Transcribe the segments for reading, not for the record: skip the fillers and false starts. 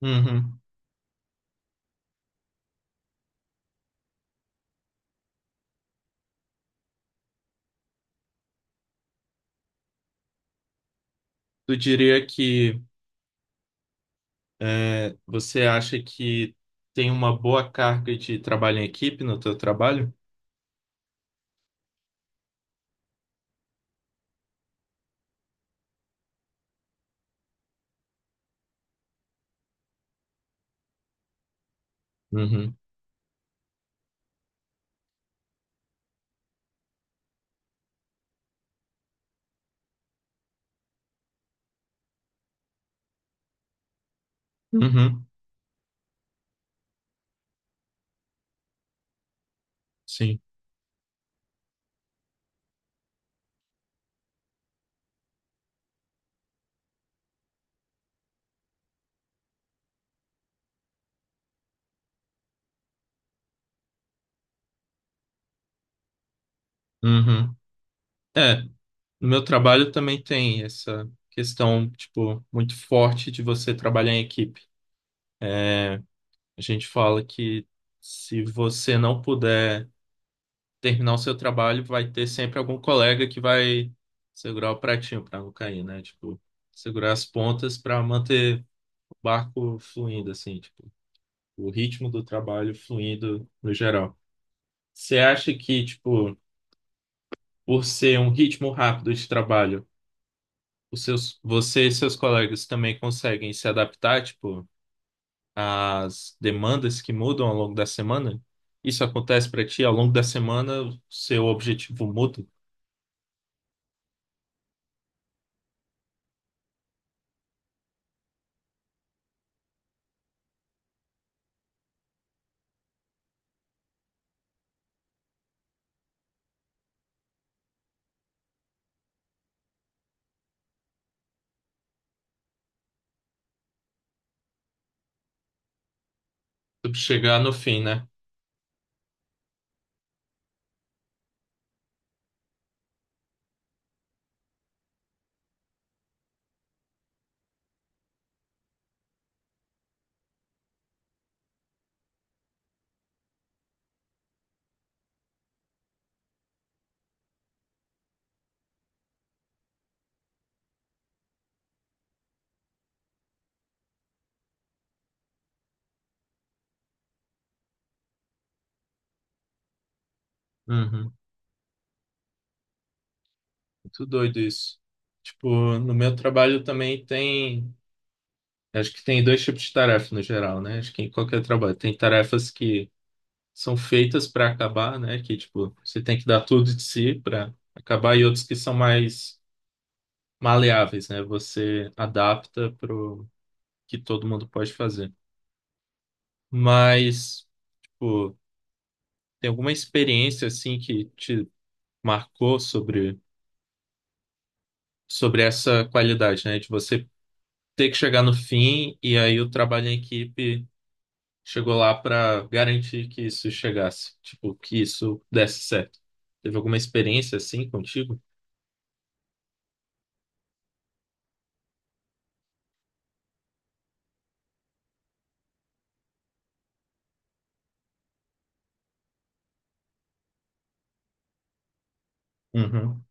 Uhum. Tu diria que você acha que tem uma boa carga de trabalho em equipe no teu trabalho? Uhum. Uhum. Sim. Uhum. É, no meu trabalho também tem essa questão, tipo, muito forte de você trabalhar em equipe. A gente fala que se você não puder terminar o seu trabalho, vai ter sempre algum colega que vai segurar o pratinho para não cair, né? Tipo, segurar as pontas para manter barco fluindo, assim, tipo, o ritmo do trabalho fluindo no geral. Você acha que, tipo, por ser um ritmo rápido de trabalho, você e seus colegas também conseguem se adaptar, tipo, às demandas que mudam ao longo da semana? Isso acontece para ti? Ao longo da semana, seu objetivo muda? Tu Chegar no fim, né? Uhum. Muito doido isso. Tipo, no meu trabalho também tem. Acho que tem dois tipos de tarefa no geral, né? Acho que em qualquer trabalho tem tarefas que são feitas para acabar, né? Que tipo, você tem que dar tudo de si para acabar, e outros que são mais maleáveis, né? Você adapta pro que todo mundo pode fazer. Mas, tipo, tem alguma experiência assim que te marcou sobre essa qualidade, né? De você ter que chegar no fim e aí o trabalho em equipe chegou lá para garantir que isso chegasse, tipo, que isso desse certo. Teve alguma experiência assim contigo? Uhum,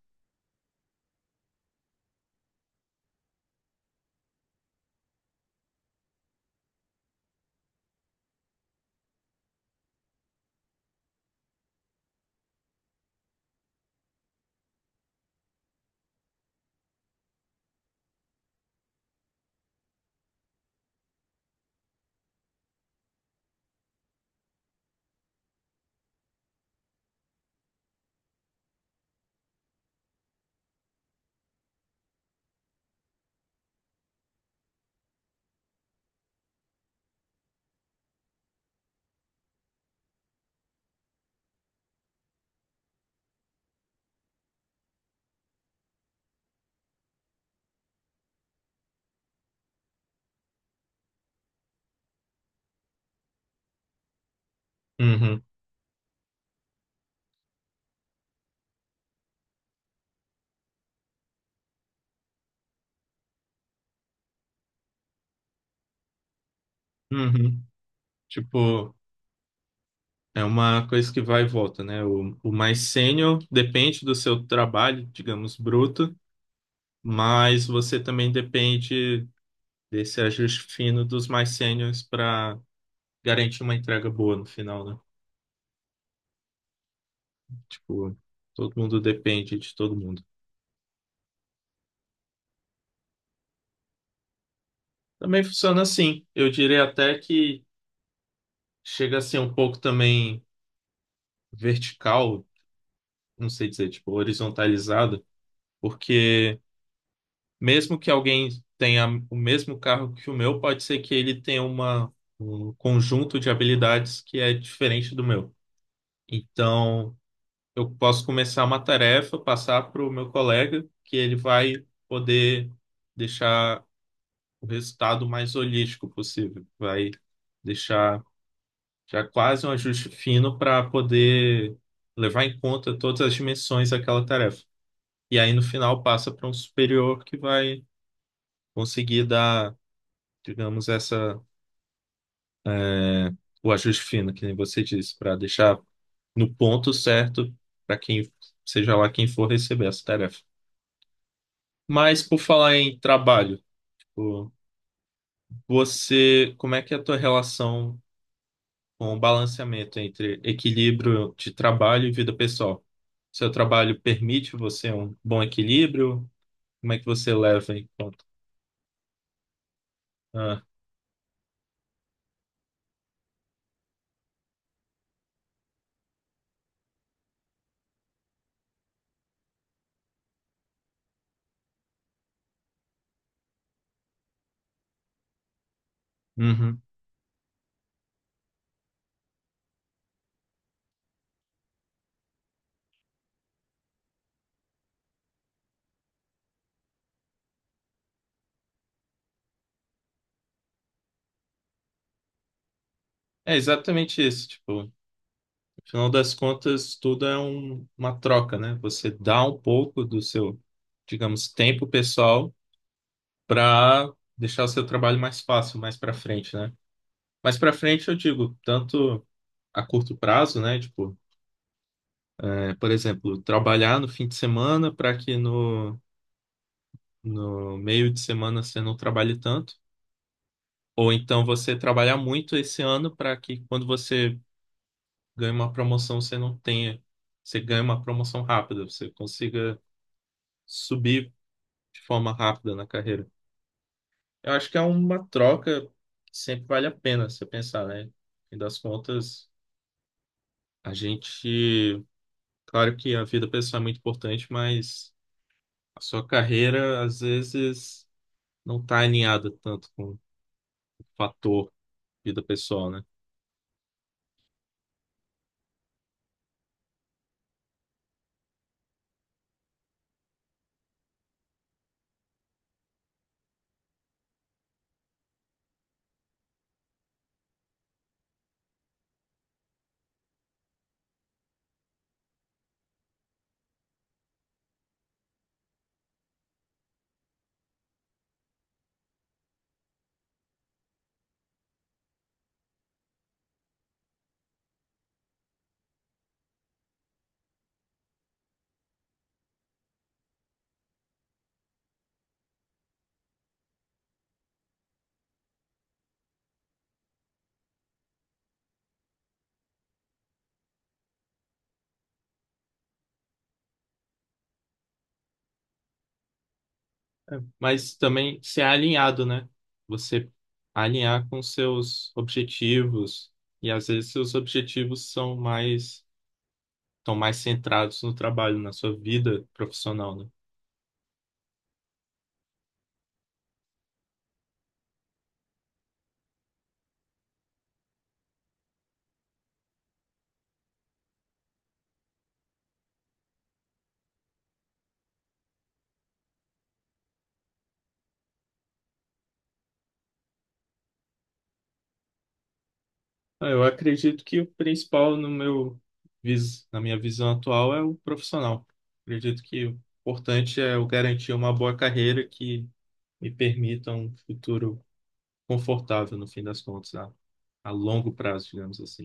uhum, uhum. Tipo, é uma coisa que vai e volta, né? O mais sênior depende do seu trabalho, digamos, bruto, mas você também depende desse ajuste fino dos mais sêniores para garantir uma entrega boa no final, né? Tipo, todo mundo depende de todo mundo. Também funciona assim. Eu diria até que chega a ser um pouco também vertical, não sei dizer, tipo, horizontalizado, porque mesmo que alguém tenha o mesmo carro que o meu, pode ser que ele tenha um conjunto de habilidades que é diferente do meu. Então, eu posso começar uma tarefa, passar para o meu colega, que ele vai poder deixar o resultado mais holístico possível, vai deixar. Já é quase um ajuste fino para poder levar em conta todas as dimensões daquela tarefa. E aí, no final, passa para um superior que vai conseguir dar, digamos, é, o ajuste fino, que nem você disse, para deixar no ponto certo para quem, seja lá quem for receber essa tarefa. Mas, por falar em trabalho, tipo, você, como é que é a tua relação com balanceamento entre equilíbrio de trabalho e vida pessoal? Seu trabalho permite você um bom equilíbrio? Como é que você leva em conta? Ah, uhum. É exatamente isso. Tipo, no final das contas, tudo é uma troca, né? Você dá um pouco do seu, digamos, tempo pessoal para deixar o seu trabalho mais fácil, mais para frente, né? Mais para frente, eu digo, tanto a curto prazo, né? Tipo, por exemplo, trabalhar no fim de semana para que no meio de semana você não trabalhe tanto, ou então você trabalhar muito esse ano para que quando você ganha uma promoção você não tenha, você ganhe uma promoção rápida, você consiga subir de forma rápida na carreira. Eu acho que é uma troca que sempre vale a pena você pensar, né? E das contas, a gente, claro que a vida pessoal é muito importante, mas a sua carreira às vezes não está alinhada tanto com o fator vida pessoal, né? Mas também ser alinhado, né? Você alinhar com seus objetivos e às vezes seus objetivos são mais estão mais centrados no trabalho, na sua vida profissional, né? Ah, eu acredito que o principal no meu na minha visão atual é o profissional. Acredito que o importante é eu garantir uma boa carreira que me permita um futuro confortável no fim das contas, a longo prazo, digamos assim.